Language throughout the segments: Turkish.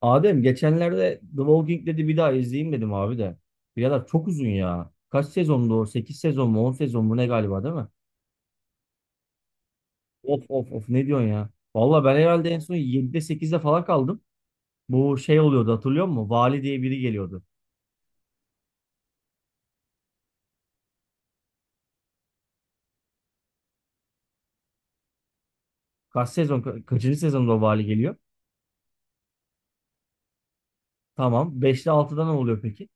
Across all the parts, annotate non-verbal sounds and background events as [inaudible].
Adem geçenlerde The Walking Dead'i bir daha izleyeyim dedim abi de. Birader çok uzun ya. Kaç sezondu o? 8 sezon mu 10 sezon mu ne galiba değil mi? Of of of ne diyorsun ya? Valla ben herhalde en son 7'de 8'de falan kaldım. Bu şey oluyordu hatırlıyor musun? Vali diye biri geliyordu. Kaçıncı sezonda o vali geliyor? Tamam. 5'te 6'da ne oluyor peki?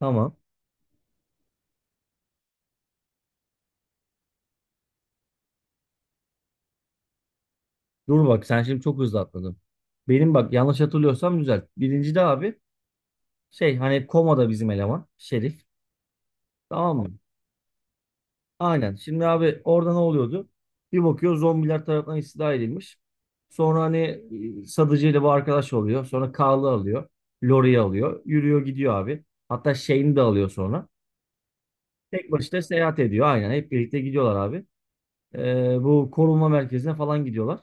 Tamam. Dur bak sen şimdi çok hızlı atladın. Benim bak yanlış hatırlıyorsam düzelt. Birincide abi şey hani komada bizim eleman Şerif. Tamam mı? Aynen. Şimdi abi orada ne oluyordu? Bir bakıyor zombiler tarafından istila edilmiş. Sonra hani Sadıcı ile bu arkadaş oluyor. Sonra Carl'ı alıyor. Laurie'yi alıyor. Yürüyor gidiyor abi. Hatta Shane'i de alıyor sonra. Tek başına seyahat ediyor. Aynen. Hep birlikte gidiyorlar abi. Bu korunma merkezine falan gidiyorlar.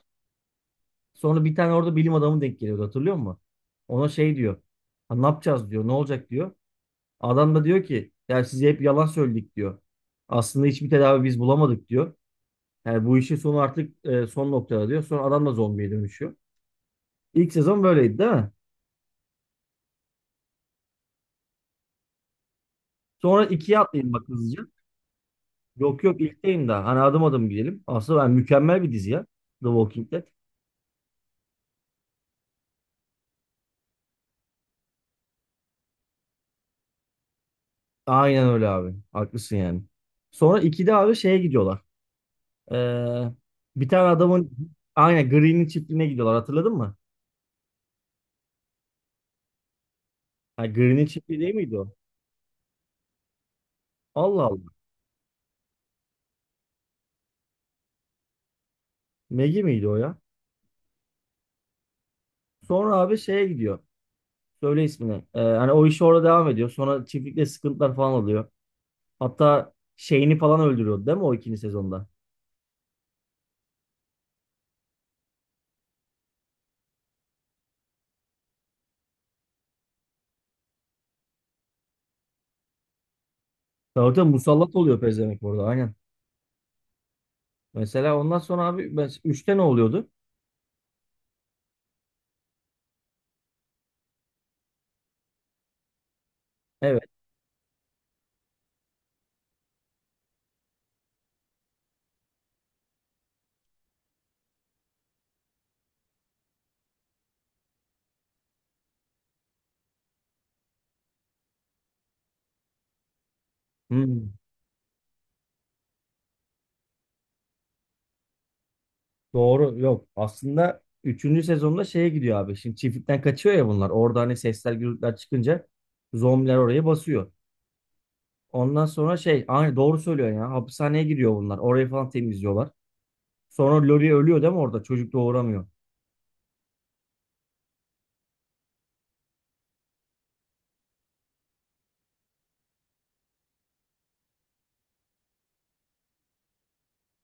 Sonra bir tane orada bilim adamı denk geliyordu hatırlıyor musun? Ona şey diyor. "Ha, ne yapacağız diyor. Ne olacak diyor. Adam da diyor ki ya size hep yalan söyledik diyor. Aslında hiçbir tedavi biz bulamadık diyor. Yani bu işin sonu artık son noktada diyor. Sonra adam da zombiye dönüşüyor. İlk sezon böyleydi değil mi? Sonra ikiye atlayayım bak hızlıca. Yok yok ilkteyim daha. Hani adım adım gidelim. Aslında ben mükemmel bir dizi ya. The Walking Dead. Aynen öyle abi. Haklısın yani. Sonra ikide abi şeye gidiyorlar. Ee, Bir tane adamın aynen Green'in çiftliğine gidiyorlar. Hatırladın mı? Ha, Green'in çiftliği değil miydi o? Allah Allah. Maggie miydi o ya? Sonra abi şeye gidiyor. Söyle ismini. Hani o iş orada devam ediyor. Sonra çiftlikte sıkıntılar falan oluyor. Hatta şeyini falan öldürüyordu değil mi o ikinci sezonda? Tabii tabii, musallat oluyor pezevenk orada aynen. Mesela ondan sonra abi ben, üçte ne oluyordu? Evet. Hmm, doğru yok. Aslında üçüncü sezonda şeye gidiyor abi. Şimdi çiftlikten kaçıyor ya bunlar. Orada hani sesler gürültüler çıkınca zombiler oraya basıyor. Ondan sonra şey aynı doğru söylüyor ya. Hapishaneye giriyor bunlar. Orayı falan temizliyorlar. Sonra Lori ölüyor değil mi orada? Çocuk doğuramıyor.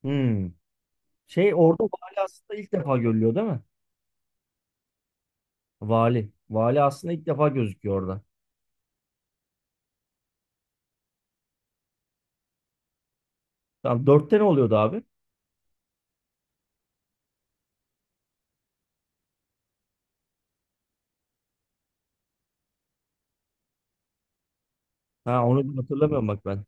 Hmm. Şey orada bu hali aslında ilk defa görülüyor değil mi? Vali. Vali aslında ilk defa gözüküyor orada. Tamam, dörtte ne oluyordu abi? Ha, onu hatırlamıyorum bak ben.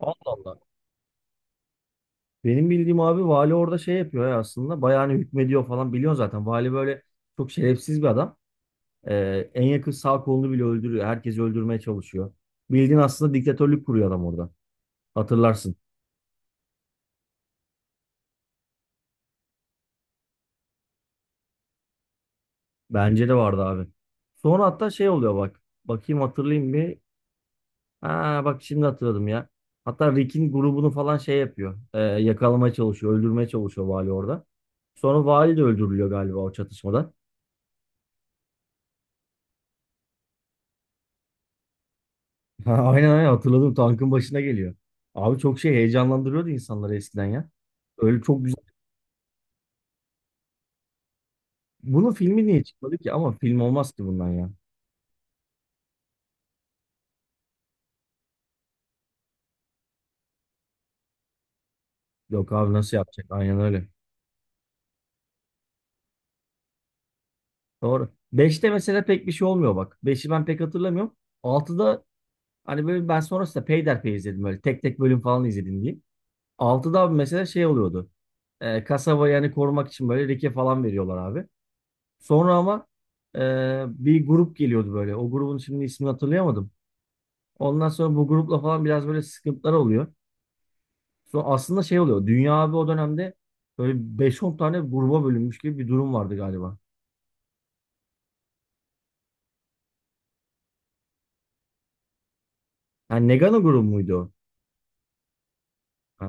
Allah Allah. Benim bildiğim abi vali orada şey yapıyor ya aslında. Bayağı hani hükmediyor falan biliyorsun zaten. Vali böyle çok şerefsiz bir adam. En yakın sağ kolunu bile öldürüyor. Herkesi öldürmeye çalışıyor. Bildiğin aslında diktatörlük kuruyor adam orada. Hatırlarsın. Bence de vardı abi. Sonra hatta şey oluyor bak. Bakayım hatırlayayım bir. Ha, bak şimdi hatırladım ya. Hatta Rick'in grubunu falan şey yapıyor. Yakalamaya çalışıyor, öldürmeye çalışıyor vali orada. Sonra vali de öldürülüyor galiba o çatışmada. [laughs] Ha, aynen aynen hatırladım, tankın başına geliyor. Abi çok şey heyecanlandırıyordu insanları eskiden ya. Öyle çok güzel. Bunun filmi niye çıkmadı ki? Ama film olmaz ki bundan ya. Yok abi, nasıl yapacak? Aynen öyle. Doğru. Beşte mesela pek bir şey olmuyor bak. Beşi ben pek hatırlamıyorum. Altıda hani böyle ben sonrasında peyderpey izledim, böyle tek tek bölüm falan izledim diye. Altıda abi mesela şey oluyordu. Kasaba yani korumak için böyle leke falan veriyorlar abi. Sonra ama e, bir grup geliyordu böyle. O grubun şimdi ismini hatırlayamadım. Ondan sonra bu grupla falan biraz böyle sıkıntılar oluyor. Sonra aslında şey oluyor. Dünya abi o dönemde böyle beş on tane gruba bölünmüş gibi bir durum vardı galiba. Yani Negano grubu muydu o? Ha.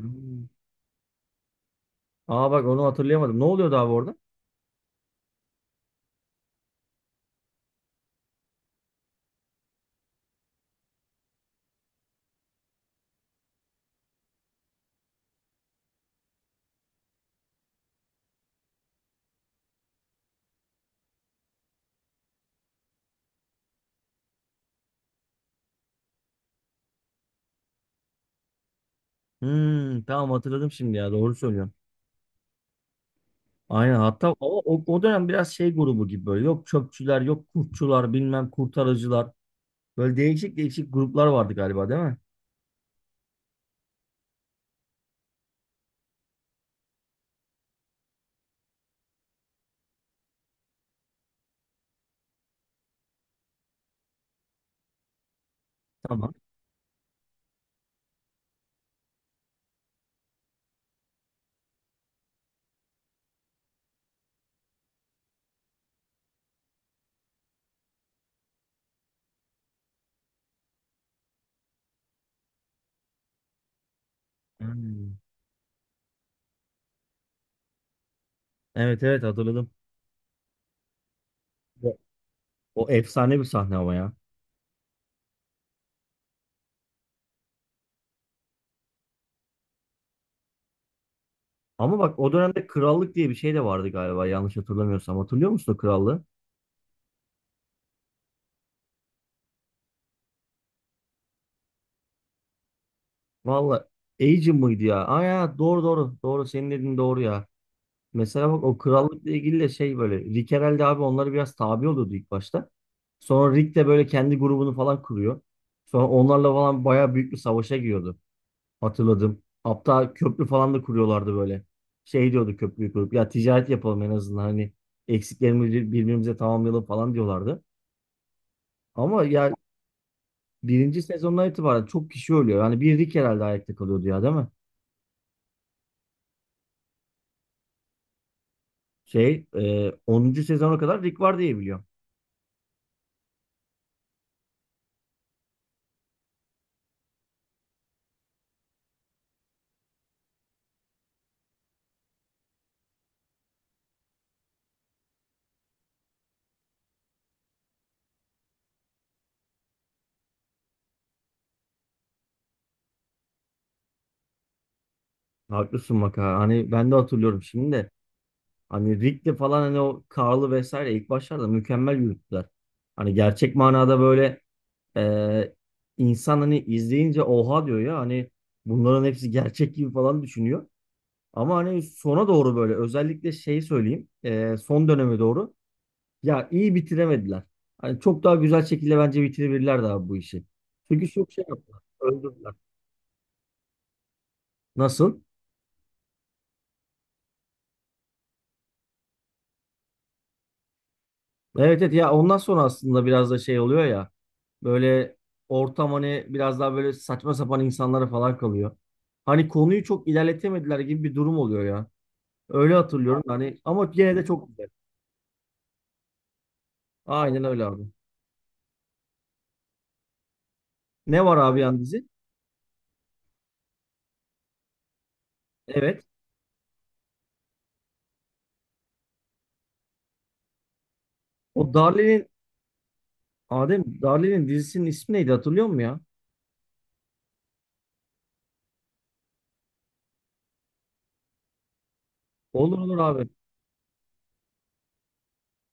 Aa, bak onu hatırlayamadım. Ne oluyordu abi orada? Tamam, hatırladım şimdi ya. Doğru söylüyorsun. Aynen, hatta o dönem biraz şey grubu gibi böyle yok çöpçüler yok kurtçular bilmem kurtarıcılar böyle değişik değişik gruplar vardı galiba değil mi? Tamam. Hmm. Evet evet, hatırladım. O, o efsane bir sahne ama ya. Ama bak o dönemde krallık diye bir şey de vardı galiba, yanlış hatırlamıyorsam. Hatırlıyor musun o krallığı? Valla Agent mıydı ya? Aa ya, doğru doğru doğru, senin dediğin doğru ya. Mesela bak o krallıkla ilgili de şey böyle Rick herhalde abi onları biraz tabi oluyordu ilk başta. Sonra Rick de böyle kendi grubunu falan kuruyor. Sonra onlarla falan bayağı büyük bir savaşa giriyordu. Hatırladım. Hatta köprü falan da kuruyorlardı böyle. Şey diyordu, köprüyü kurup ya ticaret yapalım en azından, hani eksiklerimizi birbirimize tamamlayalım falan diyorlardı. Ama ya birinci sezondan itibaren çok kişi ölüyor. Yani bir Rick herhalde ayakta kalıyordu ya değil mi? Şey 10. sezona kadar Rick var diye biliyorum. Haklısın bak ha. Hani ben de hatırlıyorum şimdi de. Hani Rick'le falan hani o Karl'ı vesaire ilk başlarda mükemmel yürüttüler. Hani gerçek manada böyle e, insan hani izleyince oha diyor ya, hani bunların hepsi gerçek gibi falan düşünüyor. Ama hani sona doğru böyle özellikle şey söyleyeyim, son döneme doğru ya iyi bitiremediler. Hani çok daha güzel şekilde bence bitirebilirlerdi abi bu işi. Çünkü çok şey yaptılar. Öldürdüler. Nasıl? Evet evet ya, ondan sonra aslında biraz da şey oluyor ya. Böyle ortam hani biraz daha böyle saçma sapan insanlara falan kalıyor. Hani konuyu çok ilerletemediler gibi bir durum oluyor ya. Öyle hatırlıyorum hani, ama gene de çok güzel. Aynen öyle abi. Ne var abi yan dizi? Evet. O Darle'nin Adem Darle'nin dizisinin ismi neydi hatırlıyor musun ya? Olur olur abi.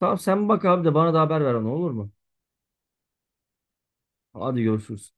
Tamam, sen bak abi de bana da haber ver onu olur mu? Hadi görüşürüz.